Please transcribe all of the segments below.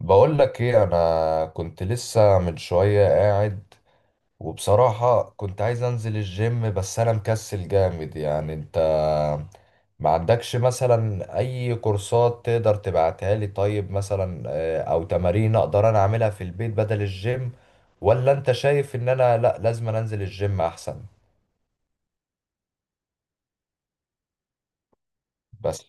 بقول لك ايه، انا كنت لسه من شوية قاعد. وبصراحة كنت عايز انزل الجيم، بس انا مكسل جامد. يعني انت ما عندكش مثلا اي كورسات تقدر تبعتها لي؟ طيب مثلا او تمارين اقدر انا اعملها في البيت بدل الجيم؟ ولا انت شايف ان انا لا لازم انزل الجيم احسن؟ بس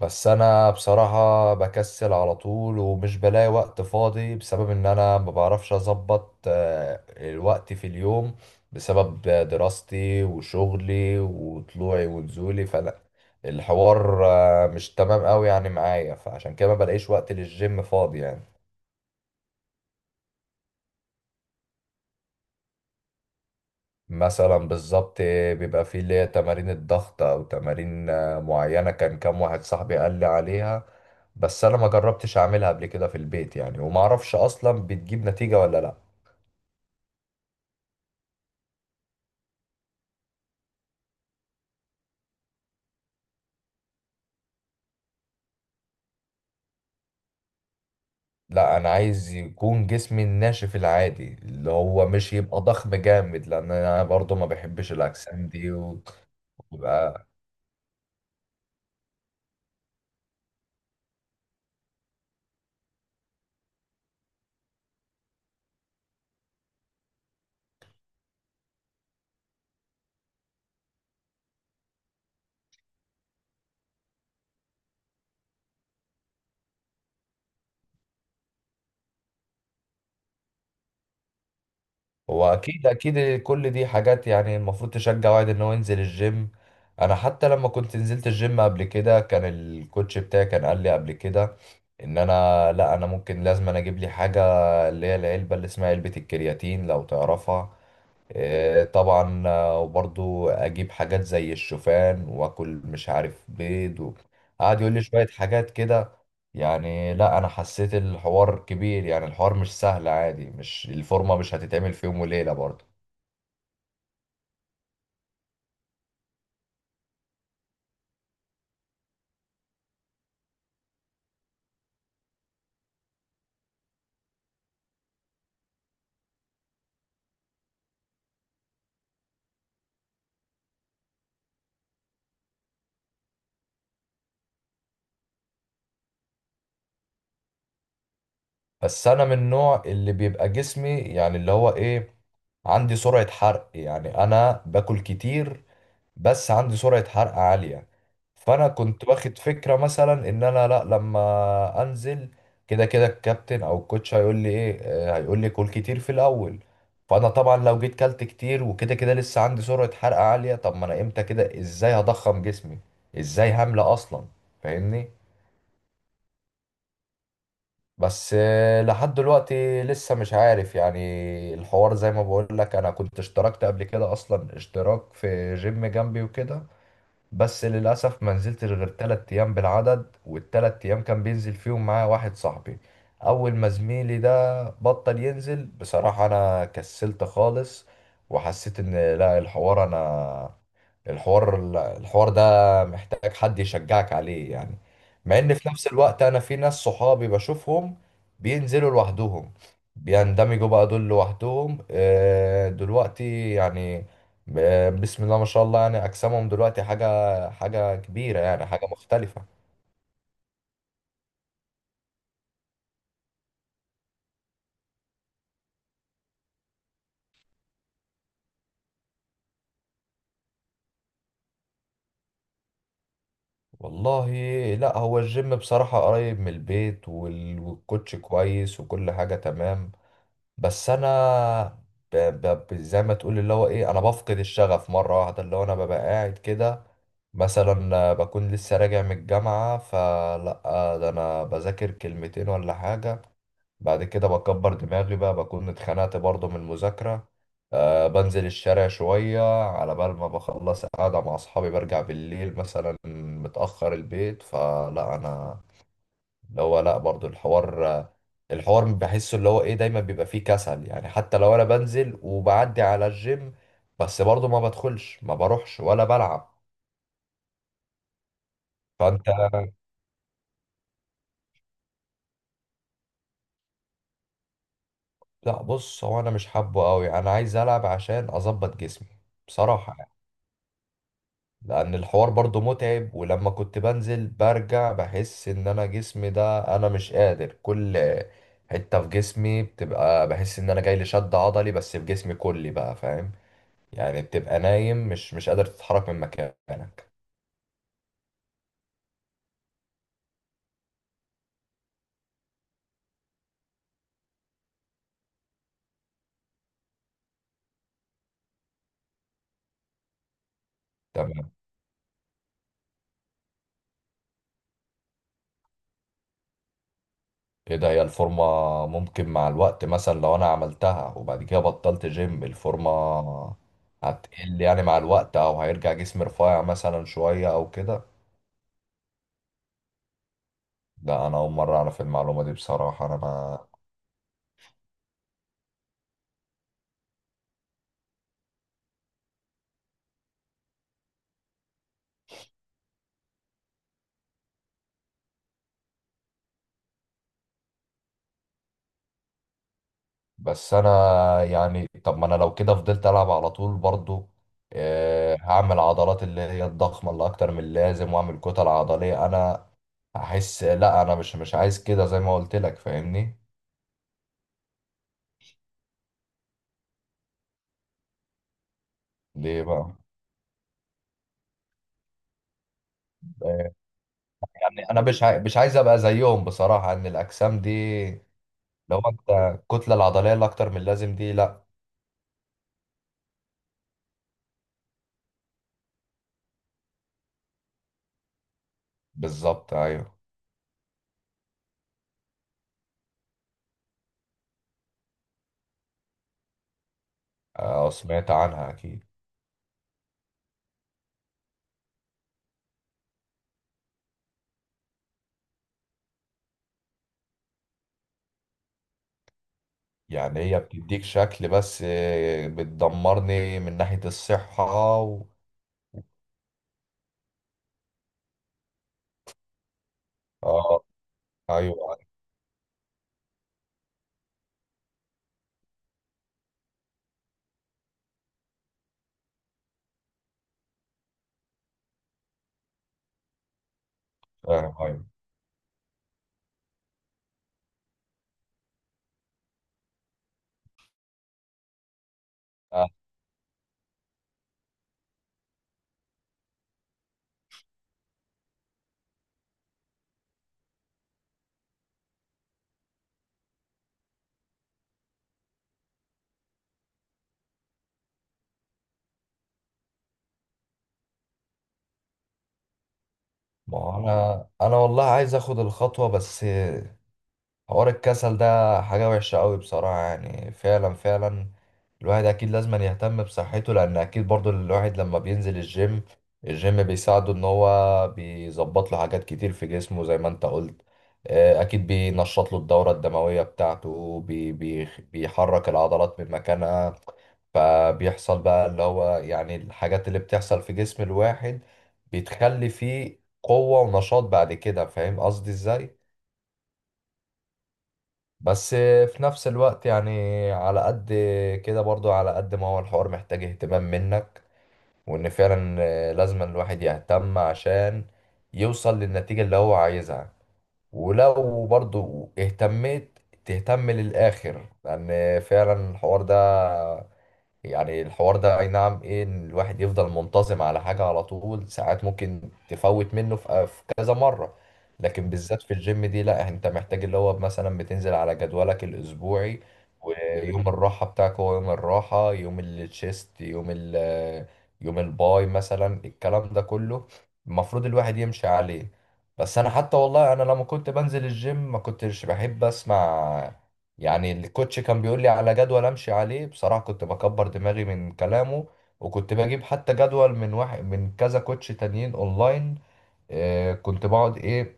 بس انا بصراحة بكسل على طول ومش بلاقي وقت فاضي، بسبب ان انا ما بعرفش اظبط الوقت في اليوم، بسبب دراستي وشغلي وطلوعي ونزولي. فانا الحوار مش تمام قوي يعني معايا، فعشان كده ما بلاقيش وقت للجيم فاضي يعني. مثلا بالظبط بيبقى فيه اللي هي تمارين الضغط او تمارين معينة، كان كام واحد صاحبي قال لي عليها، بس انا ما جربتش اعملها قبل كده في البيت يعني، وما اعرفش اصلا بتجيب نتيجة ولا لا. لا انا عايز يكون جسمي الناشف العادي، اللي هو مش يبقى ضخم جامد، لان انا برضو ما بحبش الاجسام دي. ويبقى هو اكيد اكيد كل دي حاجات يعني المفروض تشجع واحد ان هو ينزل الجيم. انا حتى لما كنت نزلت الجيم قبل كده، كان الكوتش بتاعي كان قال لي قبل كده ان انا لا انا ممكن لازم انا اجيب لي حاجه، اللي هي العلبه اللي اسمها علبه الكرياتين لو تعرفها. طبعا، وبرضو اجيب حاجات زي الشوفان واكل مش عارف بيض و... قعد يقول لي شوية حاجات كده. يعني لا انا حسيت الحوار كبير، يعني الحوار مش سهل عادي، مش الفورمة مش هتتعمل في يوم وليلة برضو. بس انا من النوع اللي بيبقى جسمي يعني اللي هو ايه، عندي سرعة حرق، يعني انا باكل كتير بس عندي سرعة حرق عالية. فأنا كنت واخد فكرة مثلا إن أنا لأ لما أنزل، كده كده الكابتن أو الكوتش هيقول لي إيه، هيقول لي كل كتير في الأول. فأنا طبعا لو جيت كلت كتير وكده كده لسه عندي سرعة حرق عالية، طب ما أنا إمتى كده إزاي هضخم جسمي؟ إزاي هملى أصلا؟ فاهمني؟ بس لحد دلوقتي لسه مش عارف يعني. الحوار زي ما بقول لك، أنا كنت اشتركت قبل كده أصلا اشتراك في جيم جنبي وكده، بس للأسف ما نزلت غير 3 أيام بالعدد، وال3 أيام كان بينزل فيهم معايا واحد صاحبي. أول ما زميلي ده بطل ينزل بصراحة أنا كسلت خالص، وحسيت إن لا الحوار أنا الحوار الحوار ده محتاج حد يشجعك عليه يعني. مع ان في نفس الوقت انا في ناس صحابي بشوفهم بينزلوا لوحدهم، بيندمجوا بقى دول لوحدهم دلوقتي يعني. بسم الله ما شاء الله، يعني اجسامهم دلوقتي حاجة حاجة كبيرة يعني، حاجة مختلفة. والله لا، هو الجيم بصراحة قريب من البيت والكوتش كويس وكل حاجة تمام. بس انا زي ما تقول اللي هو ايه، انا بفقد الشغف مره واحده. اللي هو انا ببقى قاعد كده مثلا، بكون لسه راجع من الجامعه، فلا ده انا بذاكر كلمتين ولا حاجه. بعد كده بكبر دماغي بقى، بكون اتخنقت برضه من المذاكره، أه بنزل الشارع شوية على بال ما بخلص قاعدة مع أصحابي، برجع بالليل مثلا متأخر البيت. فلا أنا اللي هو لا برضو الحوار بحسه اللي هو ايه دايما بيبقى فيه كسل. يعني حتى لو انا بنزل وبعدي على الجيم، بس برضو ما بدخلش ما بروحش ولا بلعب. فانت لا، بص هو انا مش حابه قوي، انا عايز العب عشان اظبط جسمي بصراحة يعني. لان الحوار برضو متعب، ولما كنت بنزل برجع بحس ان انا جسمي ده انا مش قادر. كل حتة في جسمي بتبقى، بحس ان انا جاي لي شد عضلي، بس في جسمي كلي بقى فاهم يعني. بتبقى نايم مش قادر تتحرك من مكانك. تمام. ايه ده، هي الفورمة ممكن مع الوقت مثلا لو انا عملتها وبعد كده بطلت جيم، الفورمة هتقل يعني مع الوقت، او هيرجع جسمي رفيع مثلا شوية او كده؟ ده انا اول مرة اعرف المعلومة دي بصراحة. انا يعني طب ما انا لو كده فضلت العب على طول برضو، هعمل عضلات اللي هي الضخمة اللي اكتر من اللازم، واعمل كتل عضلية، انا احس لا انا مش عايز كده زي ما قلت لك فاهمني؟ ليه بقى؟ آه، يعني انا مش عايز ابقى زيهم بصراحه، ان الاجسام دي لو انت الكتله العضليه اللي اكتر من اللازم دي لا. بالظبط ايوه. سمعت عنها اكيد. يعني هي بتديك شكل بس، بتدمرني من ناحيه الصحه و... اه ايوه أيوة. فاهم ايوه. آه، ما هو انا والله عايز اخد الخطوه، بس حوار الكسل ده حاجة وحشة قوي بصراحة يعني، فعلا فعلا الواحد أكيد لازم أن يهتم بصحته. لأن أكيد برضو الواحد لما بينزل الجيم، الجيم بيساعده إن هو بيظبط له حاجات كتير في جسمه زي ما أنت قلت، أكيد بينشط له الدورة الدموية بتاعته، بي بي بيحرك العضلات من مكانها. فبيحصل بقى اللي هو يعني الحاجات اللي بتحصل في جسم الواحد بتخلي فيه قوة ونشاط بعد كده، فاهم قصدي إزاي؟ بس في نفس الوقت يعني، على قد كده برضو، على قد ما هو الحوار محتاج اهتمام منك، وان فعلا لازم الواحد يهتم عشان يوصل للنتيجة اللي هو عايزها. ولو برضو اهتميت، تهتم للآخر، لأن فعلا الحوار ده يعني الحوار ده اي نعم ايه، ان الواحد يفضل منتظم على حاجة على طول ساعات، ممكن تفوت منه في كذا مرة، لكن بالذات في الجيم دي لا، انت محتاج اللي هو مثلا بتنزل على جدولك الاسبوعي، ويوم الراحة بتاعك هو يوم الراحة، يوم التشيست، يوم الباي مثلا، الكلام ده كله المفروض الواحد يمشي عليه. بس انا حتى والله انا لما كنت بنزل الجيم ما كنتش بحب اسمع يعني. الكوتش كان بيقول لي على جدول امشي عليه، بصراحة كنت بكبر دماغي من كلامه، وكنت بجيب حتى جدول من واحد من كذا كوتش تانيين اونلاين. آه كنت بقعد ايه،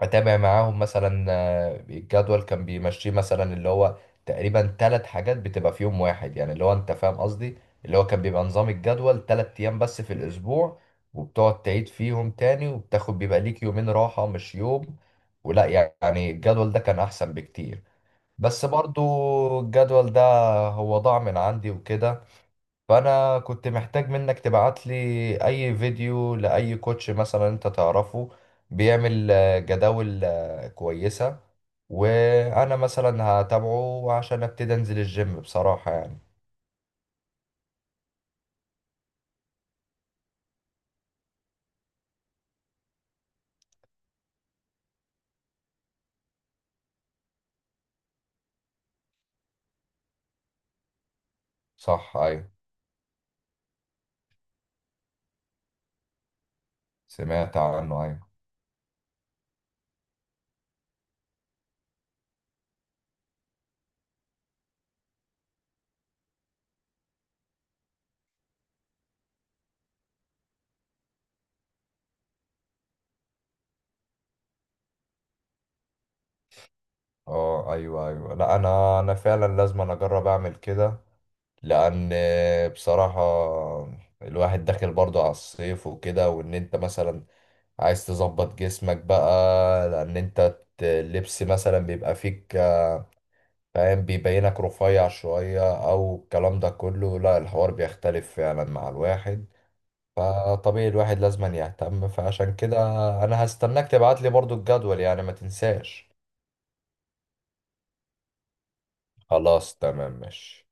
اتابع معاهم مثلا، الجدول كان بيمشيه مثلا اللي هو تقريبا 3 حاجات بتبقى في يوم واحد يعني، اللي هو انت فاهم قصدي، اللي هو كان بيبقى نظام الجدول 3 ايام بس في الاسبوع، وبتقعد تعيد فيهم تاني، وبتاخد بيبقى ليك يومين راحة مش يوم ولا. يعني الجدول ده كان احسن بكتير. بس برضو الجدول ده هو ضاع من عندي وكده. فانا كنت محتاج منك تبعت لي اي فيديو لاي كوتش مثلا انت تعرفه بيعمل جداول كويسة، وانا مثلا هتابعه عشان ابتدي انزل الجيم بصراحة يعني. صح ايوه. سمعت عنه ايوه. اه ايوه ايوه، لا انا فعلا لازم أنا اجرب اعمل كده. لان بصراحة الواحد داخل برضه على الصيف وكده، وان انت مثلا عايز تظبط جسمك بقى، لان انت اللبس مثلا بيبقى فيك فاهم، بيبينك رفيع شوية، او الكلام ده كله، لا الحوار بيختلف فعلا مع الواحد. فطبيعي الواحد لازم يهتم، فعشان كده انا هستناك تبعت لي برضو الجدول يعني ما تنساش. خلاص تمام ماشي.